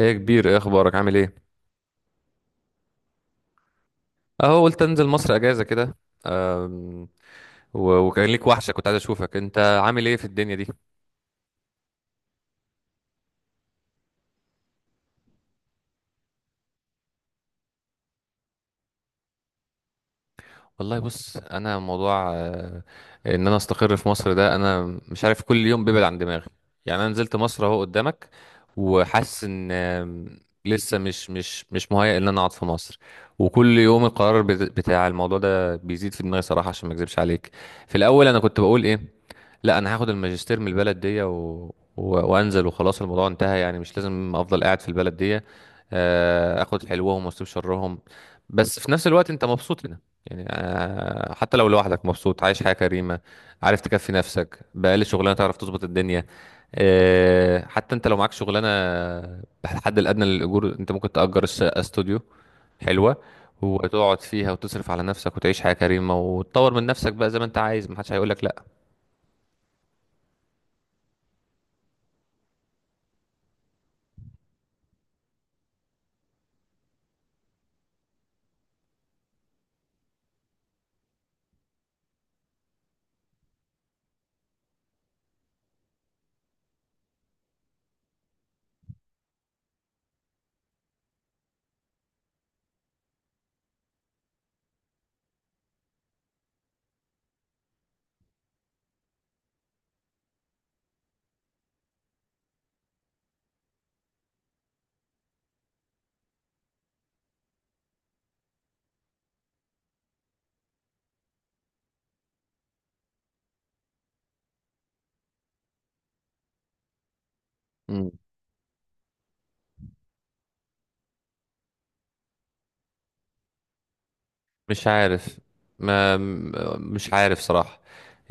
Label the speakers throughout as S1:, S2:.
S1: ايه يا كبير، ايه اخبارك؟ عامل ايه؟ اهو قلت انزل مصر اجازه كده. أم، وكان ليك وحشه، كنت عايز اشوفك، انت عامل ايه في الدنيا دي؟ والله بص، انا موضوع ان انا استقر في مصر ده انا مش عارف، كل يوم بيبعد عن دماغي. يعني انا نزلت مصر اهو قدامك، وحاسس ان لسه مش مهيأ ان انا اقعد في مصر. وكل يوم القرار بتاع الموضوع ده بيزيد في دماغي صراحه، عشان ما اكذبش عليك. في الاول انا كنت بقول ايه؟ لا، انا هاخد الماجستير من البلد دي و... وانزل وخلاص، الموضوع انتهى، يعني مش لازم افضل قاعد في البلد دي. اخد حلوهم واسيب شرهم. بس في نفس الوقت انت مبسوط هنا، يعني حتى لو لوحدك مبسوط، عايش حياة كريمة، عارف تكفي نفسك بأقل شغلانة، تعرف تظبط الدنيا. حتى انت لو معاك شغلانة بالحد الأدنى للأجور، انت ممكن تأجر استوديو حلوة، وتقعد فيها وتصرف على نفسك وتعيش حياة كريمة وتطور من نفسك بقى زي ما انت عايز، محدش هيقولك لا. مش عارف. ما م- مش عارف صراحة.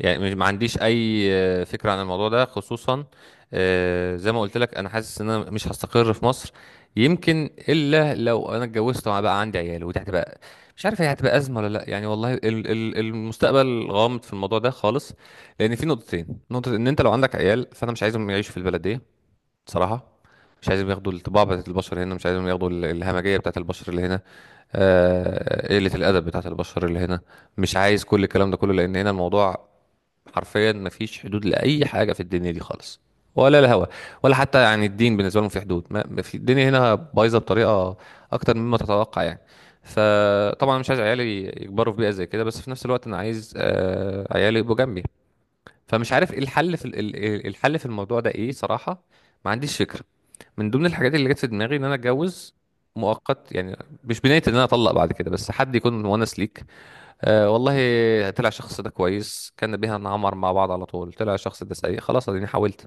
S1: يعني ما عنديش اي فكرة عن الموضوع ده خصوصا. زي ما قلت لك، انا حاسس ان انا مش هستقر في مصر. يمكن الا لو انا اتجوزت وبقى عندي عيال، ودي هتبقى، مش عارف هي هتبقى ازمه ولا لا يعني. والله المستقبل غامض في الموضوع ده خالص. لان في نقطتين: نقطه ان انت لو عندك عيال فانا مش عايزهم يعيشوا في البلد دي، بصراحة. مش عايزهم ياخدوا الطباع بتاعت البشر هنا، مش عايزهم ياخدوا الهمجية بتاعت البشر اللي هنا. قلة الأدب بتاعت البشر اللي هنا، مش عايز كل الكلام ده كله. لأن هنا الموضوع حرفيا مفيش حدود لأي حاجة في الدنيا دي خالص، ولا الهوى، ولا حتى يعني الدين بالنسبة لهم في حدود. ما في الدنيا هنا بايظة بطريقة أكتر مما تتوقع يعني. فطبعا مش عايز عيالي يكبروا في بيئة زي كده، بس في نفس الوقت أنا عايز عيالي يبقوا جنبي. فمش عارف ايه الحل في الحل في الموضوع ده ايه صراحة. ما عنديش فكرة. من ضمن الحاجات اللي جت في دماغي ان انا اتجوز مؤقت يعني، مش بنية ان انا اطلق بعد كده، بس حد يكون مونس ليك. والله، طلع الشخص ده كويس كان بيها نعمر مع بعض على طول، طلع الشخص ده سيء خلاص اديني حاولت.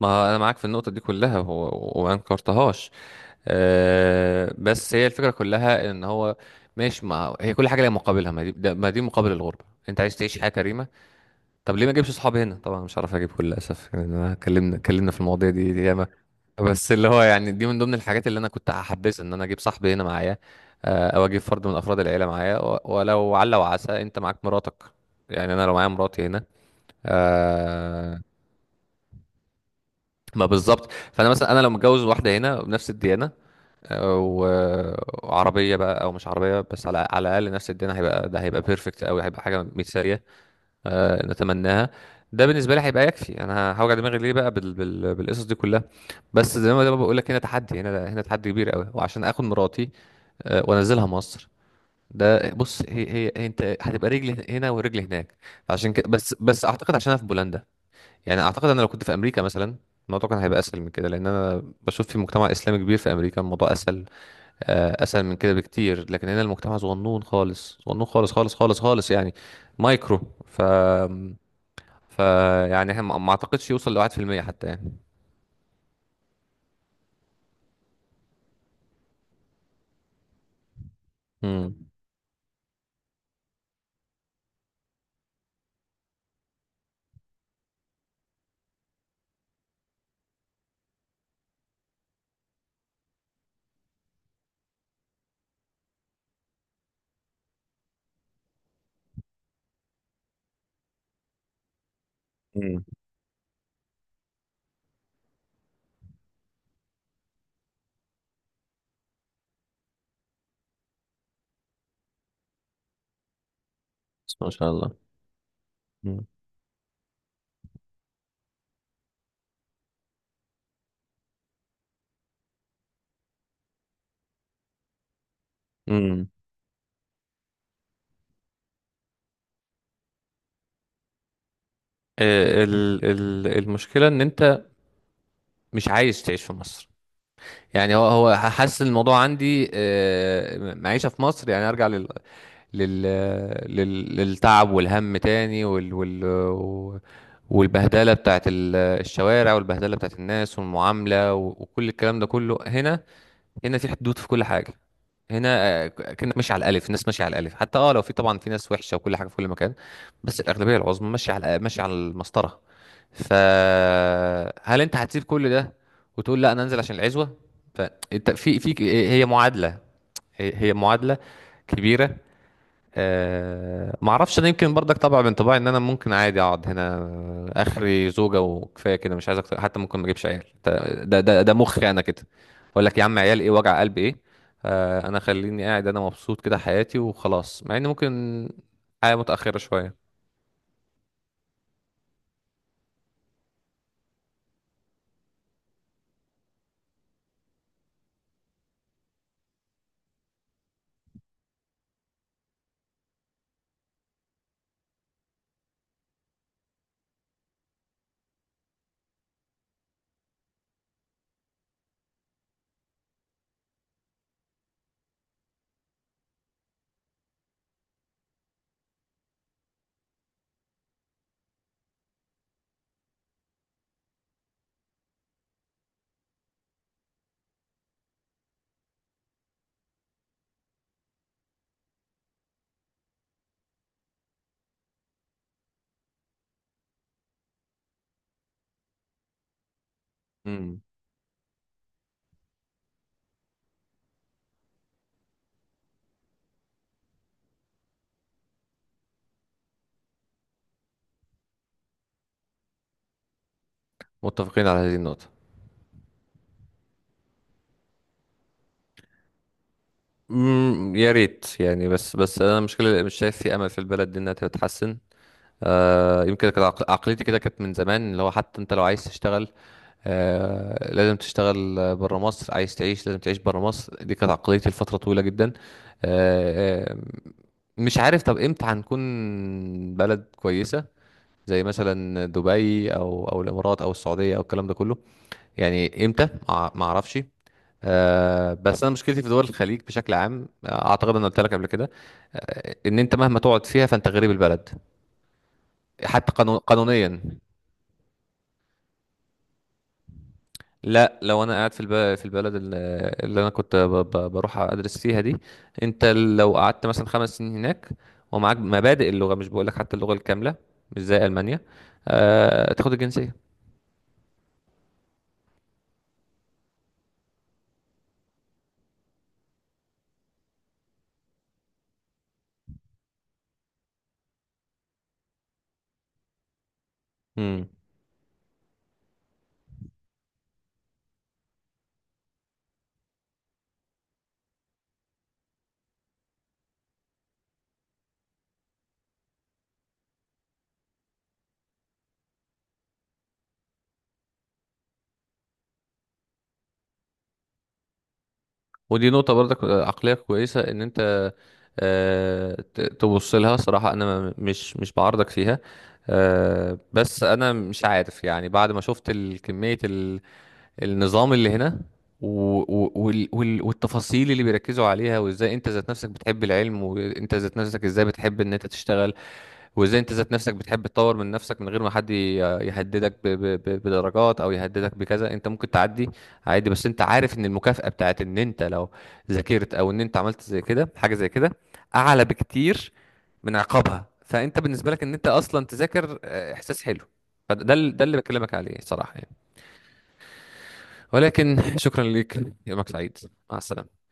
S1: ما انا معاك في النقطة دي كلها، وما انكرتهاش. بس هي الفكرة كلها ان هو ماشي، ما هي كل حاجة ليها مقابلها. ما دي مقابل الغربة، انت عايز تعيش حياة كريمة. طب ليه ما اجيبش صحابي هنا؟ طبعا مش عارف اجيب كل، للاسف يعني. أنا اتكلمنا في المواضيع دي دي ياما. بس اللي هو يعني، دي من ضمن الحاجات اللي انا كنت هحبذها ان انا اجيب صاحبي هنا معايا. او اجيب فرد من افراد العيله معايا، ولو على وعسى. انت معاك مراتك، يعني انا لو معايا مراتي هنا، آه، ما بالظبط. فانا مثلا انا لو متجوز واحده هنا بنفس الديانه، آه، و- وعربيه بقى او مش عربيه، بس على على الاقل نفس الديانه، هيبقى ده هيبقى بيرفكت قوي، هيبقى حاجه مثاليه نتمناها. ده بالنسبه لي هيبقى يكفي، انا هوجع دماغي ليه بقى بالقصص دي كلها. بس زي ما بقول لك، هنا تحدي، هنا هنا تحدي كبير قوي، وعشان اخد مراتي وانزلها مصر، ده بص هي هي هي انت هتبقى رجل هنا ورجل هناك. عشان كده بس اعتقد، عشان انا في بولندا. يعني اعتقد انا لو كنت في امريكا مثلا، الموضوع كان هيبقى اسهل من كده، لان انا بشوف في مجتمع اسلامي كبير في امريكا، الموضوع اسهل اسهل من كده بكتير. لكن هنا المجتمع صغنون خالص، صغنون خالص خالص خالص خالص يعني، مايكرو ف. فيعني احنا ما اعتقدش يوصل لواحد في المية حتى يعني. امم. امم. بس ما شاء الله. امم. امم. المشكلة ان انت مش عايز تعيش في مصر. يعني هو هو حاسس الموضوع عندي معيشة في مصر يعني ارجع لل للتعب والهم تاني، وال وال والبهدلة بتاعت الشوارع، والبهدلة بتاعت الناس، والمعاملة، وكل الكلام ده كله. هنا، هنا في حدود في كل حاجة. هنا كانك ماشي على الالف، الناس ماشيه على الالف، حتى اه لو في، طبعا في ناس وحشه وكل حاجه في كل مكان، بس الاغلبيه العظمى ماشيه على ماشيه على المسطره. فهل انت هتسيب كل ده وتقول لا انا انزل عشان العزوه؟ فانت في في هي معادله، هي هي معادله كبيره. أه ما اعرفش، انا يمكن برضك طبع من طباعي ان انا ممكن عادي اقعد هنا، اخري زوجه وكفايه كده، مش عايز اكتر، حتى ممكن ما اجيبش عيال، ده مخي انا كده. اقول لك يا عم، عيال ايه، وجع قلب ايه؟ أه انا خليني قاعد، انا مبسوط كده حياتي وخلاص، مع ان ممكن حياه متاخره شويه. امم. متفقين على هذه النقطه. امم، يا ريت يعني. بس انا المشكله مش شايف في امل في البلد دي انها تتحسن. يمكن كانت عقليتي كده، كانت من زمان، اللي هو حتى انت لو عايز تشتغل لازم تشتغل بره مصر، عايز تعيش لازم تعيش بره مصر، دي كانت عقليتي لفترة طويلة جدا. آه، آه، مش عارف طب امتى هنكون بلد كويسة زي مثلا دبي او او الامارات او السعودية او الكلام ده كله، يعني امتى؟ ما اعرفش. بس انا مشكلتي في دول الخليج بشكل عام اعتقد انا قلت لك قبل كده ان انت مهما تقعد فيها فانت غريب البلد، حتى قانون قانونيا. لا، لو انا قاعد في في البلد اللي انا كنت بروح ادرس فيها دي، انت لو قعدت مثلا خمس سنين هناك ومعاك مبادئ اللغه، مش بقولك حتى اللغه الكامله، مش زي المانيا تاخد الجنسيه. امم. ودي نقطه برضك عقليه كويسه ان انت تبص لها صراحه، انا مش بعارضك فيها. بس انا مش عارف، يعني بعد ما شفت الكميه، النظام اللي هنا و... والتفاصيل اللي بيركزوا عليها، وازاي انت ذات نفسك بتحب العلم، وانت ذات نفسك ازاي بتحب ان انت تشتغل، وازاي انت ذات نفسك بتحب تطور من نفسك من غير ما حد يهددك بدرجات او يهددك بكذا، انت ممكن تعدي عادي. بس انت عارف ان المكافأة بتاعت ان انت لو ذاكرت او ان انت عملت زي كده، حاجة زي كده اعلى بكتير من عقابها، فانت بالنسبة لك ان انت اصلا تذاكر احساس حلو، فده ده اللي بكلمك عليه صراحة يعني. ولكن شكرا لك، يومك سعيد، مع السلامة.